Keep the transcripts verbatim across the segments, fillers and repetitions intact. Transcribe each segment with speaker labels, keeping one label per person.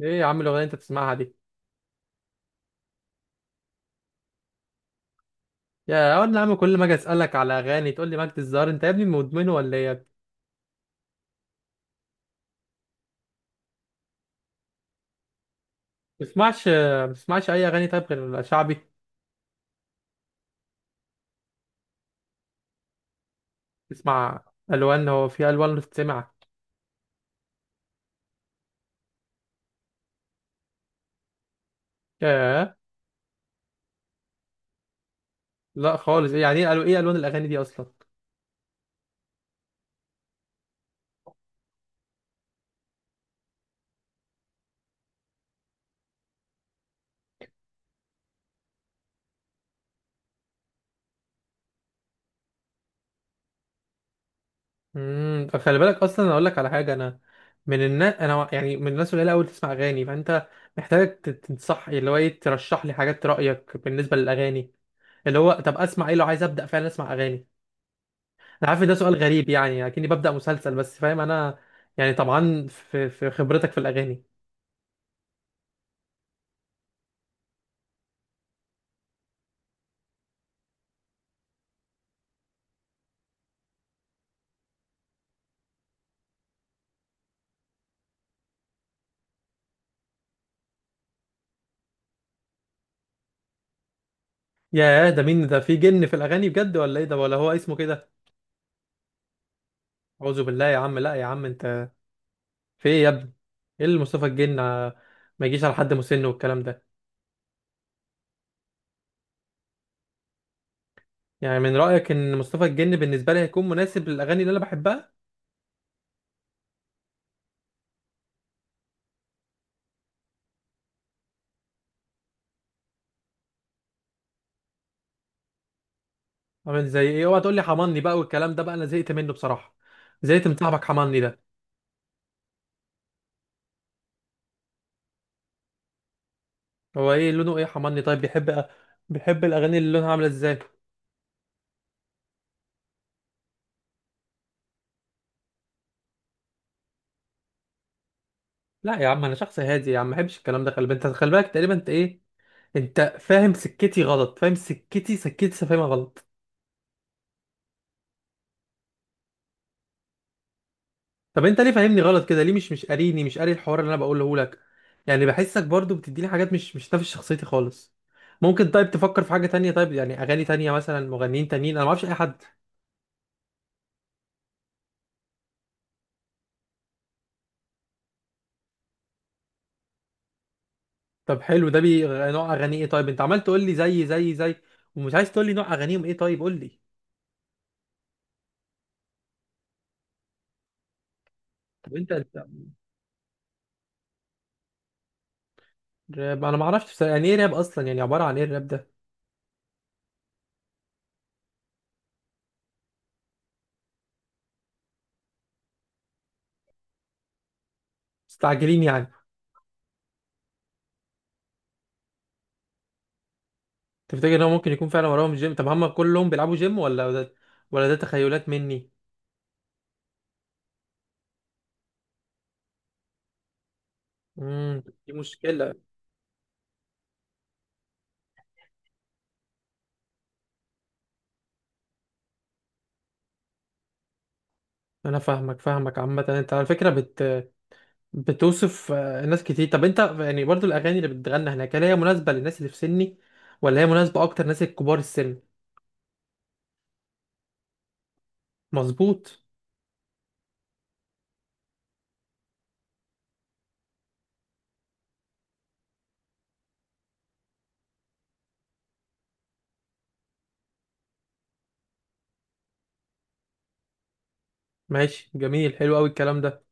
Speaker 1: ايه يا عم الاغنيه اللي انت بتسمعها دي؟ يا اول يا عم، كل ما اجي اسالك على اغاني تقول لي مجد الزهر، انت يا ابني مدمن ولا ايه يا ابني؟ ما بتسمعش ما بتسمعش اي اغاني طيب غير شعبي؟ بتسمع الوان؟ هو في الوان بتسمع؟ ياه. لا خالص، ايه يعني، ايه الو ايه الوان الاغاني دي اصلا؟ امم طب خلي بالك اصلا، انا اقول لك على حاجه. انا من الناس، انا يعني من الناس القليله قوي تسمع اغاني، فانت محتاج تت- تنصح، اللي هو ايه، ترشح لي حاجات، رايك بالنسبه للاغاني اللي هو طب اسمع ايه لو عايز ابدا فعلا اسمع اغاني. انا عارف إن ده سؤال غريب، يعني اكني ببدأ مسلسل، بس فاهم انا يعني طبعا في في خبرتك في الاغاني. يا ده مين ده، في جن في الاغاني بجد ولا ايه ده، ولا هو اسمه كده؟ اعوذ بالله يا عم، لا يا عم انت. في ايه يا ابني؟ ايه اللي مصطفى الجن، آه، ما يجيش على حد مسن والكلام ده. يعني من رأيك ان مصطفى الجن بالنسبة لي هيكون مناسب للاغاني اللي انا بحبها؟ عامل زي ايه؟ اوعى تقول لي حماني بقى والكلام ده بقى، انا زهقت منه بصراحة. زهقت من صاحبك حماني ده. هو ايه لونه، ايه حماني، طيب بيحب بيحب الاغاني اللي لونها عاملة ازاي؟ لا يا عم انا شخص هادي يا عم، ما بحبش الكلام ده. خلي بالك انت، خلي بالك تقريبا انت ايه. انت فاهم سكتي غلط، فاهم سكتي سكتي لسه فاهمها غلط. طب انت ليه فاهمني غلط كده ليه؟ مش مش قاريني، مش قاري الحوار اللي انا بقوله لك. يعني بحسك برضو بتديني حاجات مش مش نافس شخصيتي خالص. ممكن طيب تفكر في حاجة تانية، طيب يعني اغاني تانية، مثلا مغنيين تانيين، انا ما اعرفش اي حد. طب حلو، ده بي نوع اغاني ايه؟ طيب انت عمال تقول لي زي زي زي ومش عايز تقول لي نوع اغانيهم ايه. طيب قول لي، طب انت انت راب انا ما اعرفش بصراحة، يعني ايه راب اصلا، يعني عبارة عن ايه الراب ده؟ مستعجلين يعني؟ تفتكر ان هو ممكن يكون فعلا وراهم جيم؟ طب هم كلهم بيلعبوا جيم ولا ده، ولا ده تخيلات مني؟ امم دي مشكلة. انا فاهمك فاهمك عامة. انت على فكرة بت بتوصف آه، ناس كتير. طب انت يعني برضو الاغاني اللي بتتغنى هناك، هل هي مناسبة للناس اللي في سني، ولا هي مناسبة اكتر ناس الكبار السن؟ مظبوط. ماشي جميل، حلو قوي الكلام ده.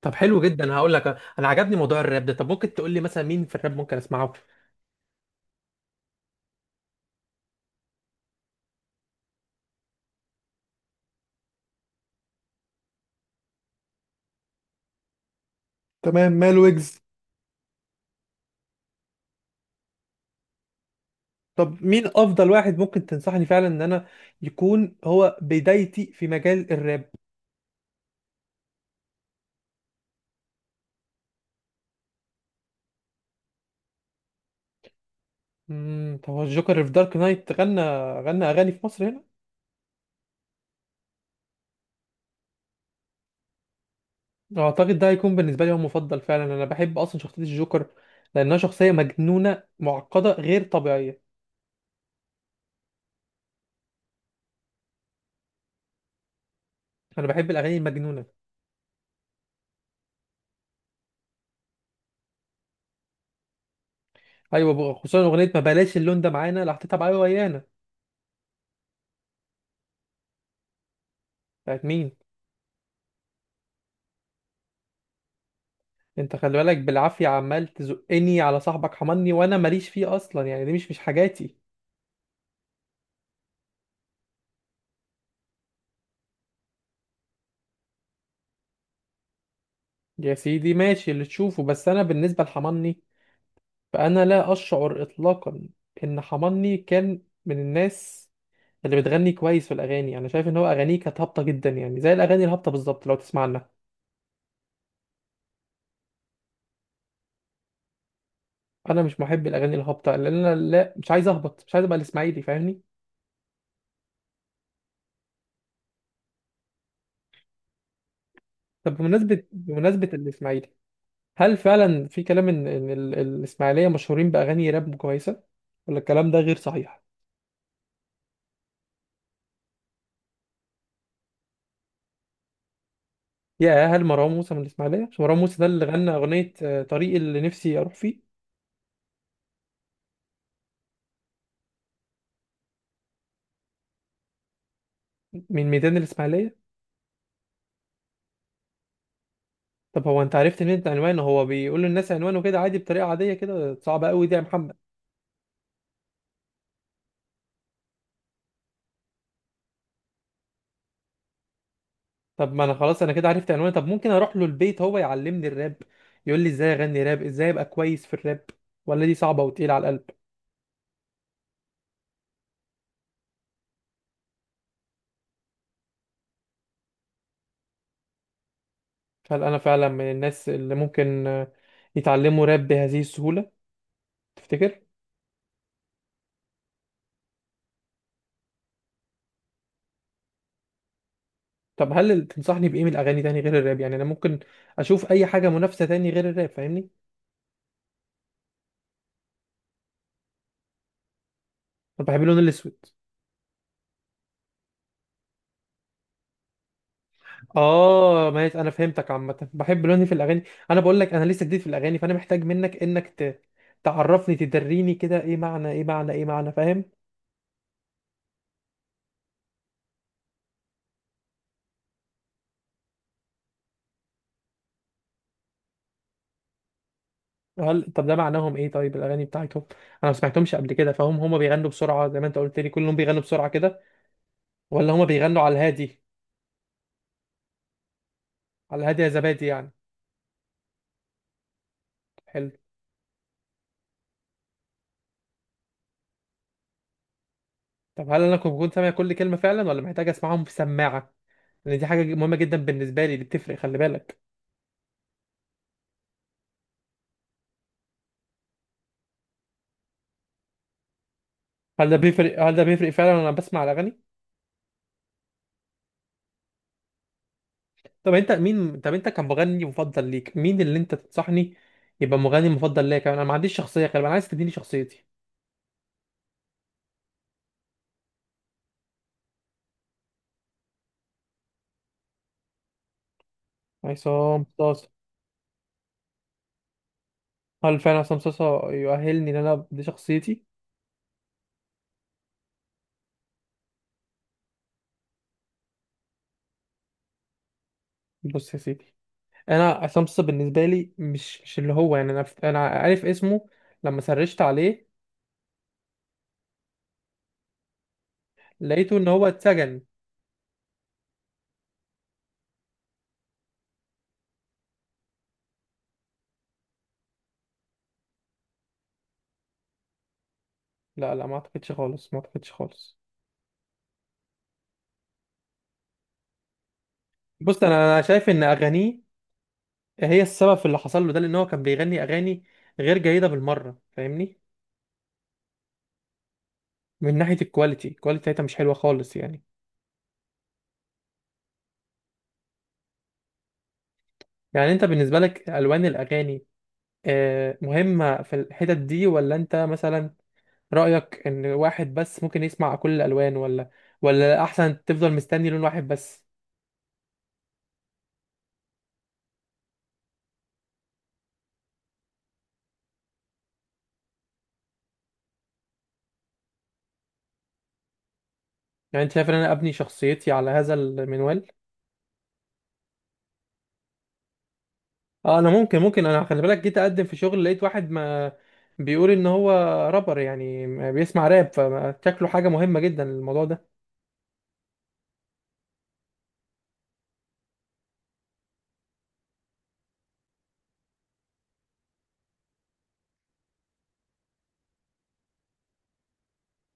Speaker 1: طب حلو جدا، هقول لك، انا عجبني موضوع الراب ده. طب ممكن تقول لي مثلا مين في الراب ممكن اسمعه؟ تمام، مال ويجز. طب مين افضل واحد ممكن تنصحني فعلا ان انا يكون هو بدايتي في مجال الراب؟ امم طب هو الجوكر في دارك نايت غنى غنى اغاني في مصر هنا؟ اعتقد ده هيكون بالنسبه لي هو مفضل فعلا، انا بحب اصلا شخصيه الجوكر لانها شخصيه مجنونه معقده غير طبيعيه. انا بحب الاغاني المجنونه. ايوه بقى، خصوصا اغنيه ما بلاش، اللون ده معانا اللي حطيتها بعيا ويانا. بتاعت مين؟ انت خلي بالك بالعافيه عمال تزقني على صاحبك حماني، وانا ماليش فيه اصلا، يعني دي مش مش حاجاتي. يا سيدي ماشي اللي تشوفه، بس انا بالنسبه لحماني فانا لا اشعر اطلاقا ان حماني كان من الناس اللي بتغني كويس في الاغاني. انا شايف ان هو اغانيه كانت هابطه جدا، يعني زي الاغاني الهابطه بالظبط لو تسمع عنها. انا مش محب الاغاني الهابطه لان انا لا، مش عايز اهبط، مش عايز ابقى الاسماعيلي فاهمني. طب بمناسبه بمناسبه الاسماعيلي، هل فعلا في كلام ان ان ال- الاسماعيليه مشهورين باغاني راب كويسه، ولا الكلام ده غير صحيح؟ يا هل مروان موسى من الاسماعيليه؟ مش مروان موسى ده اللي غنى اغنيه آه، طريق اللي نفسي اروح فيه؟ من ميدان الإسماعيلية. طب هو أنت عرفت منين عنوانه؟ هو بيقول للناس عنوانه كده عادي بطريقة عادية كده؟ صعبة قوي دي يا محمد. طب ما أنا خلاص أنا كده عرفت عنوانه، طب ممكن أروح له البيت هو يعلمني الراب، يقول لي إزاي أغني راب، إزاي أبقى كويس في الراب، ولا دي صعبة وتقيلة على القلب؟ هل أنا فعلا من الناس اللي ممكن آه، يتعلموا راب بهذه السهولة؟ تفتكر؟ طب هل تنصحني بإيه من الأغاني تاني غير الراب؟ يعني أنا ممكن أشوف أي حاجة منافسة تاني غير الراب فاهمني. أنا بحب اللون الأسود. اه ماشي، انا فهمتك، عامه بحب لوني في الاغاني. انا بقول لك انا لسه جديد في الاغاني، فانا محتاج منك انك ت... تعرفني تدريني كده، ايه معنى ايه معنى ايه معنى فاهم. هل، طب ده معناهم ايه طيب الاغاني بتاعتهم؟ انا ما سمعتهمش قبل كده. فهم هما بيغنوا بسرعه زي ما انت قلت لي كلهم بيغنوا بسرعه كده، ولا هما بيغنوا على الهادي؟ على الهادي يا زبادي يعني؟ حلو. طب هل انا كنت كنت سامع كل كلمه فعلا ولا محتاج اسمعهم في سماعه؟ لان دي حاجه مهمه جدا بالنسبه لي اللي بتفرق خلي بالك. هل ده بيفرق هل ده بيفرق فعلا وانا بسمع الاغاني؟ طب انت مين، طب انت كمغني مفضل ليك مين اللي انت تنصحني يبقى مغني مفضل ليا كمان؟ انا ما عنديش شخصيه غالبا، انا عايز تديني شخصيتي. عصام صاصا؟ هل فعلا عصام صاصا يؤهلني ان انا دي شخصيتي؟ بص يا سيدي، انا عصام صاصا بالنسبه لي مش مش اللي هو يعني، انا انا عارف اسمه لما سرشت عليه. لقيته ان هو اتسجن. لا لا ما اعتقدش خالص، ما اعتقدش خالص. بص، انا انا شايف ان اغانيه هي السبب في اللي حصل له ده لان هو كان بيغني اغاني غير جيده بالمره فاهمني. من ناحية الكواليتي، الكواليتي بتاعتها مش حلوة خالص يعني. يعني انت بالنسبة لك ألوان الأغاني آه، مهمة في الحتت دي، ولا انت مثلا رأيك ان واحد بس ممكن يسمع كل الألوان، ولا ولا أحسن تفضل مستني لون واحد بس؟ يعني انت شايف ان انا ابني شخصيتي على هذا المنوال؟ اه انا ممكن، ممكن انا خلي بالك جيت اقدم في شغل لقيت واحد ما بيقول ان هو رابر، يعني بيسمع راب، فشكله حاجة مهمة جدا الموضوع ده.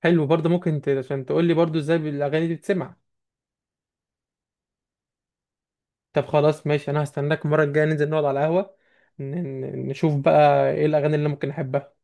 Speaker 1: حلو، برضه ممكن ت- عشان تقول لي برضه ازاي الأغاني دي بتسمع. طب خلاص ماشي، انا هستناك المره الجايه ننزل نقعد على القهوه ن- ن- نشوف بقى ايه الاغاني اللي ممكن احبها.